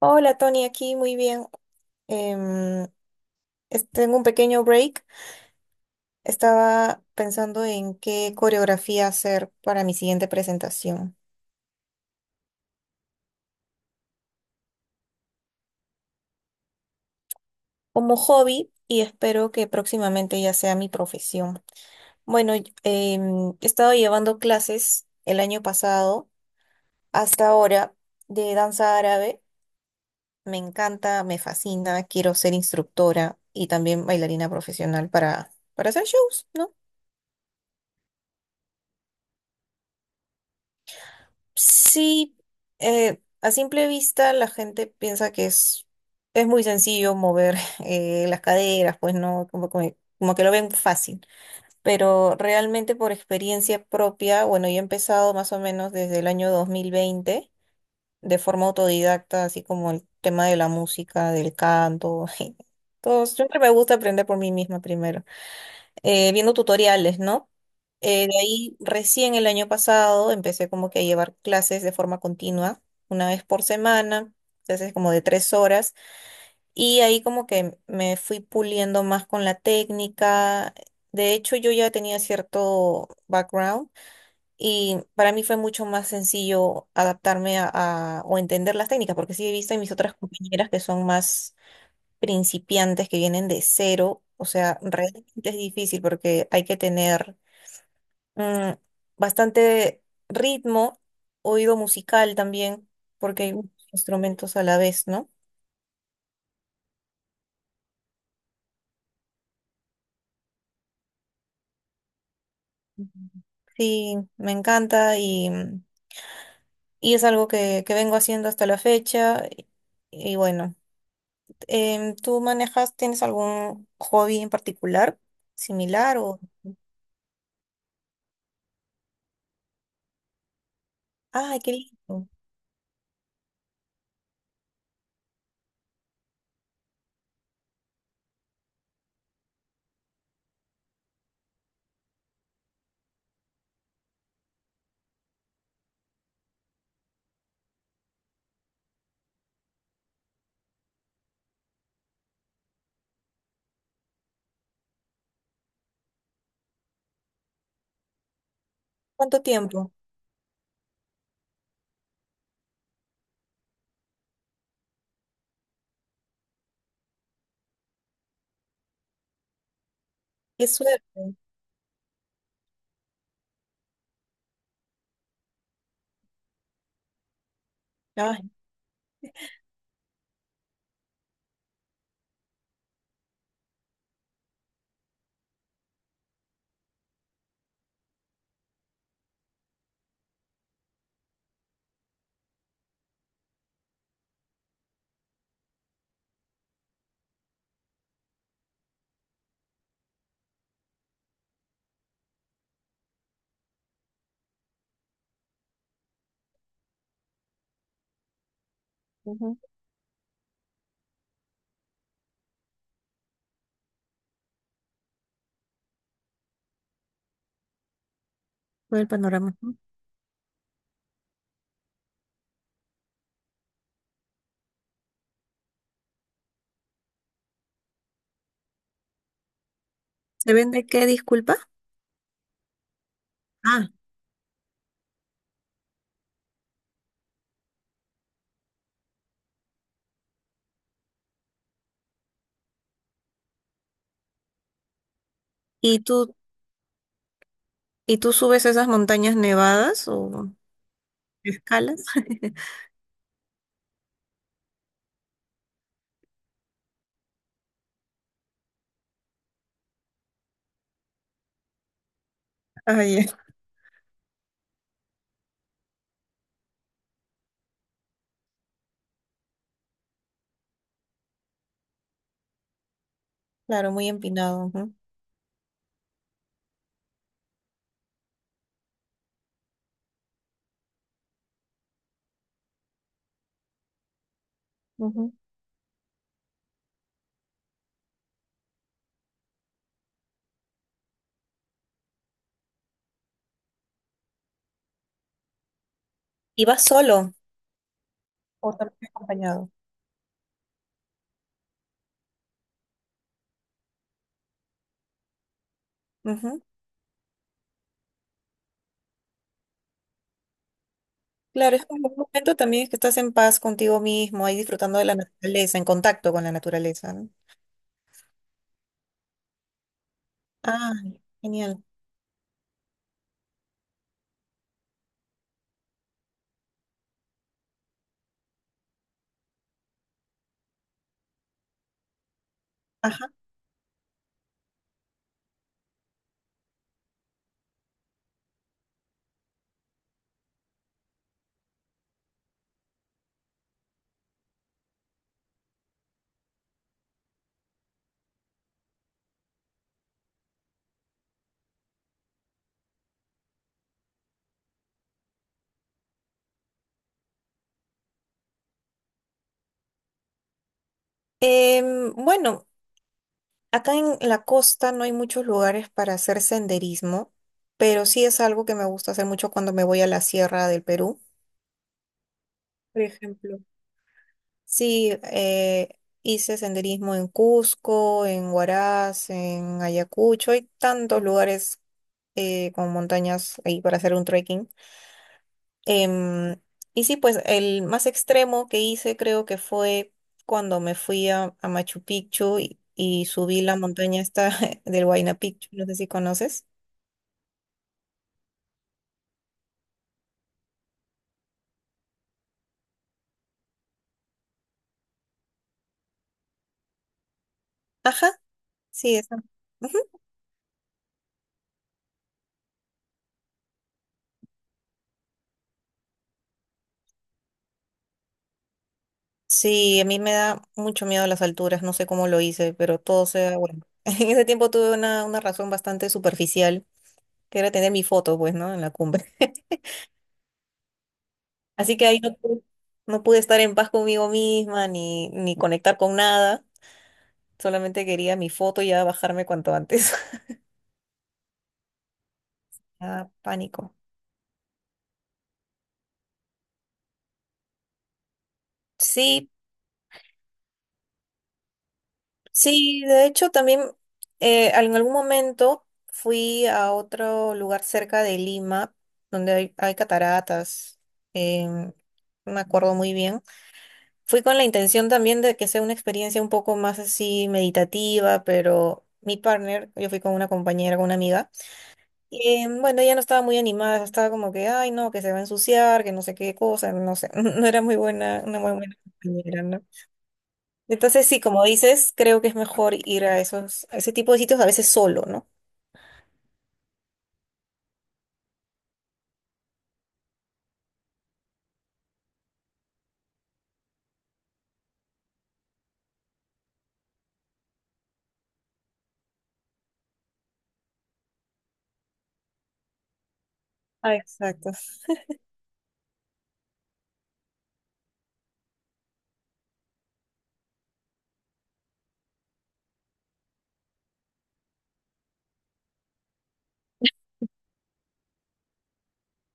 Hola Tony, aquí muy bien. Em, tengo un pequeño break. Estaba pensando en qué coreografía hacer para mi siguiente presentación como hobby y espero que próximamente ya sea mi profesión. Bueno, he estado llevando clases el año pasado hasta ahora de danza árabe. Me encanta, me fascina, quiero ser instructora y también bailarina profesional para hacer shows, ¿no? Sí, a simple vista la gente piensa que es muy sencillo mover las caderas, pues no, como que lo ven fácil, pero realmente por experiencia propia, bueno, yo he empezado más o menos desde el año 2020 de forma autodidacta, así como el tema de la música, del canto. Todos siempre me gusta aprender por mí misma primero, viendo tutoriales, ¿no? De ahí recién el año pasado empecé como que a llevar clases de forma continua, una vez por semana, clases como de 3 horas, y ahí como que me fui puliendo más con la técnica. De hecho, yo ya tenía cierto background y para mí fue mucho más sencillo adaptarme o entender las técnicas, porque sí he visto en mis otras compañeras que son más principiantes que vienen de cero, o sea, realmente es difícil porque hay que tener mm, bastante ritmo, oído musical también, porque hay muchos instrumentos a la vez, ¿no? Ujú. Sí, me encanta y es algo que vengo haciendo hasta la fecha. Y bueno, ¿tú manejas, tienes algún hobby en particular similar o... ¡Ay, qué lindo! ¿Cuánto tiempo? ¡Qué suerte! Ay, ujú. Todo el panorama. ¿Se vende qué, disculpa? Ah, ¿y tú, y tú subes esas montañas nevadas o escalas? Ah, ya. Claro, muy empinado. Ujú, ujú. ¿Y vas solo o también acompañado? Ujú. Claro, es como un momento también que estás en paz contigo mismo, ahí disfrutando de la naturaleza, en contacto con la naturaleza, ¿no? Ah, genial. Ajá. Bueno, acá en la costa no hay muchos lugares para hacer senderismo, pero sí es algo que me gusta hacer mucho cuando me voy a la sierra del Perú, por ejemplo. Sí, hice senderismo en Cusco, en Huaraz, en Ayacucho. Hay tantos lugares, con montañas ahí para hacer un trekking. Em, y sí, pues el más extremo que hice creo que fue cuando me fui a Machu Picchu y subí la montaña esta del Huayna Picchu. No sé si conoces. Ajá, sí, esa. Sí, a mí me da mucho miedo las alturas, no sé cómo lo hice, pero todo se bueno. En ese tiempo tuve una razón bastante superficial, que era tener mi foto, pues, ¿no? En la cumbre. Así que ahí no pude estar en paz conmigo misma ni conectar con nada, solamente quería mi foto y ya bajarme cuanto antes. Ah, pánico. Sí, sí, de hecho también, en algún momento fui a otro lugar cerca de Lima, donde hay cataratas. em, no me acuerdo muy bien. Fui con la intención también de que sea una experiencia un poco más así meditativa, pero mi partner, yo fui con una compañera, con una amiga, y bueno, ella no estaba muy animada, estaba como que, ay no, que se va a ensuciar, que no sé qué cosa, no sé, no era muy buena, una muy buena compañera, ¿no? Entonces, sí, como dices, creo que es mejor ir a esos, a ese tipo de sitios a veces solo, ¿no? Ah, exacto.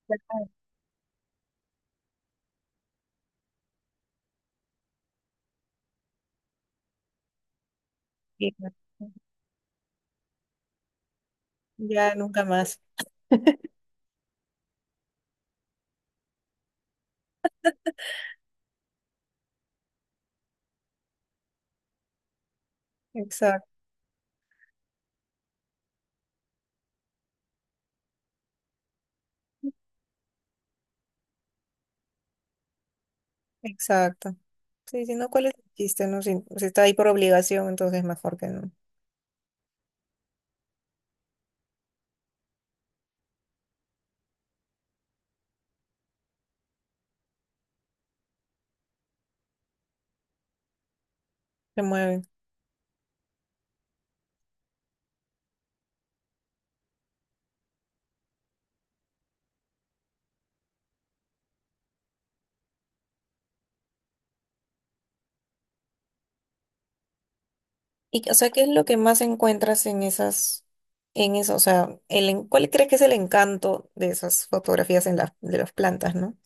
Ya no Ya nunca más. Exacto, exacto. Sí, si no, ¿cuál es el chiste? No, si está ahí por obligación, entonces mejor que no se mueven. Y, o sea, ¿qué es lo que más encuentras en esas, en eso? O sea, ¿cuál crees que es el encanto de esas fotografías en las de las plantas, ¿no?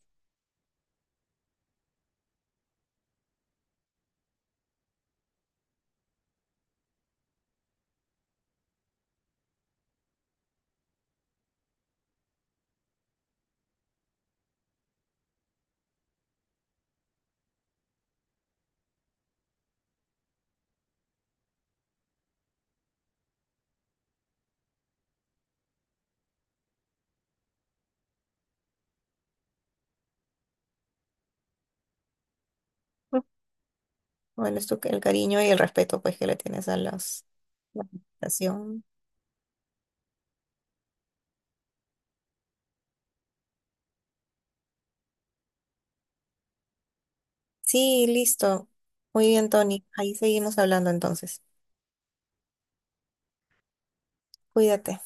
Mm. Bueno, el cariño y el respeto, pues, que le tienes a las, la plantación. Sí, listo. Muy bien, Tony. Ahí seguimos hablando entonces. Cuídate.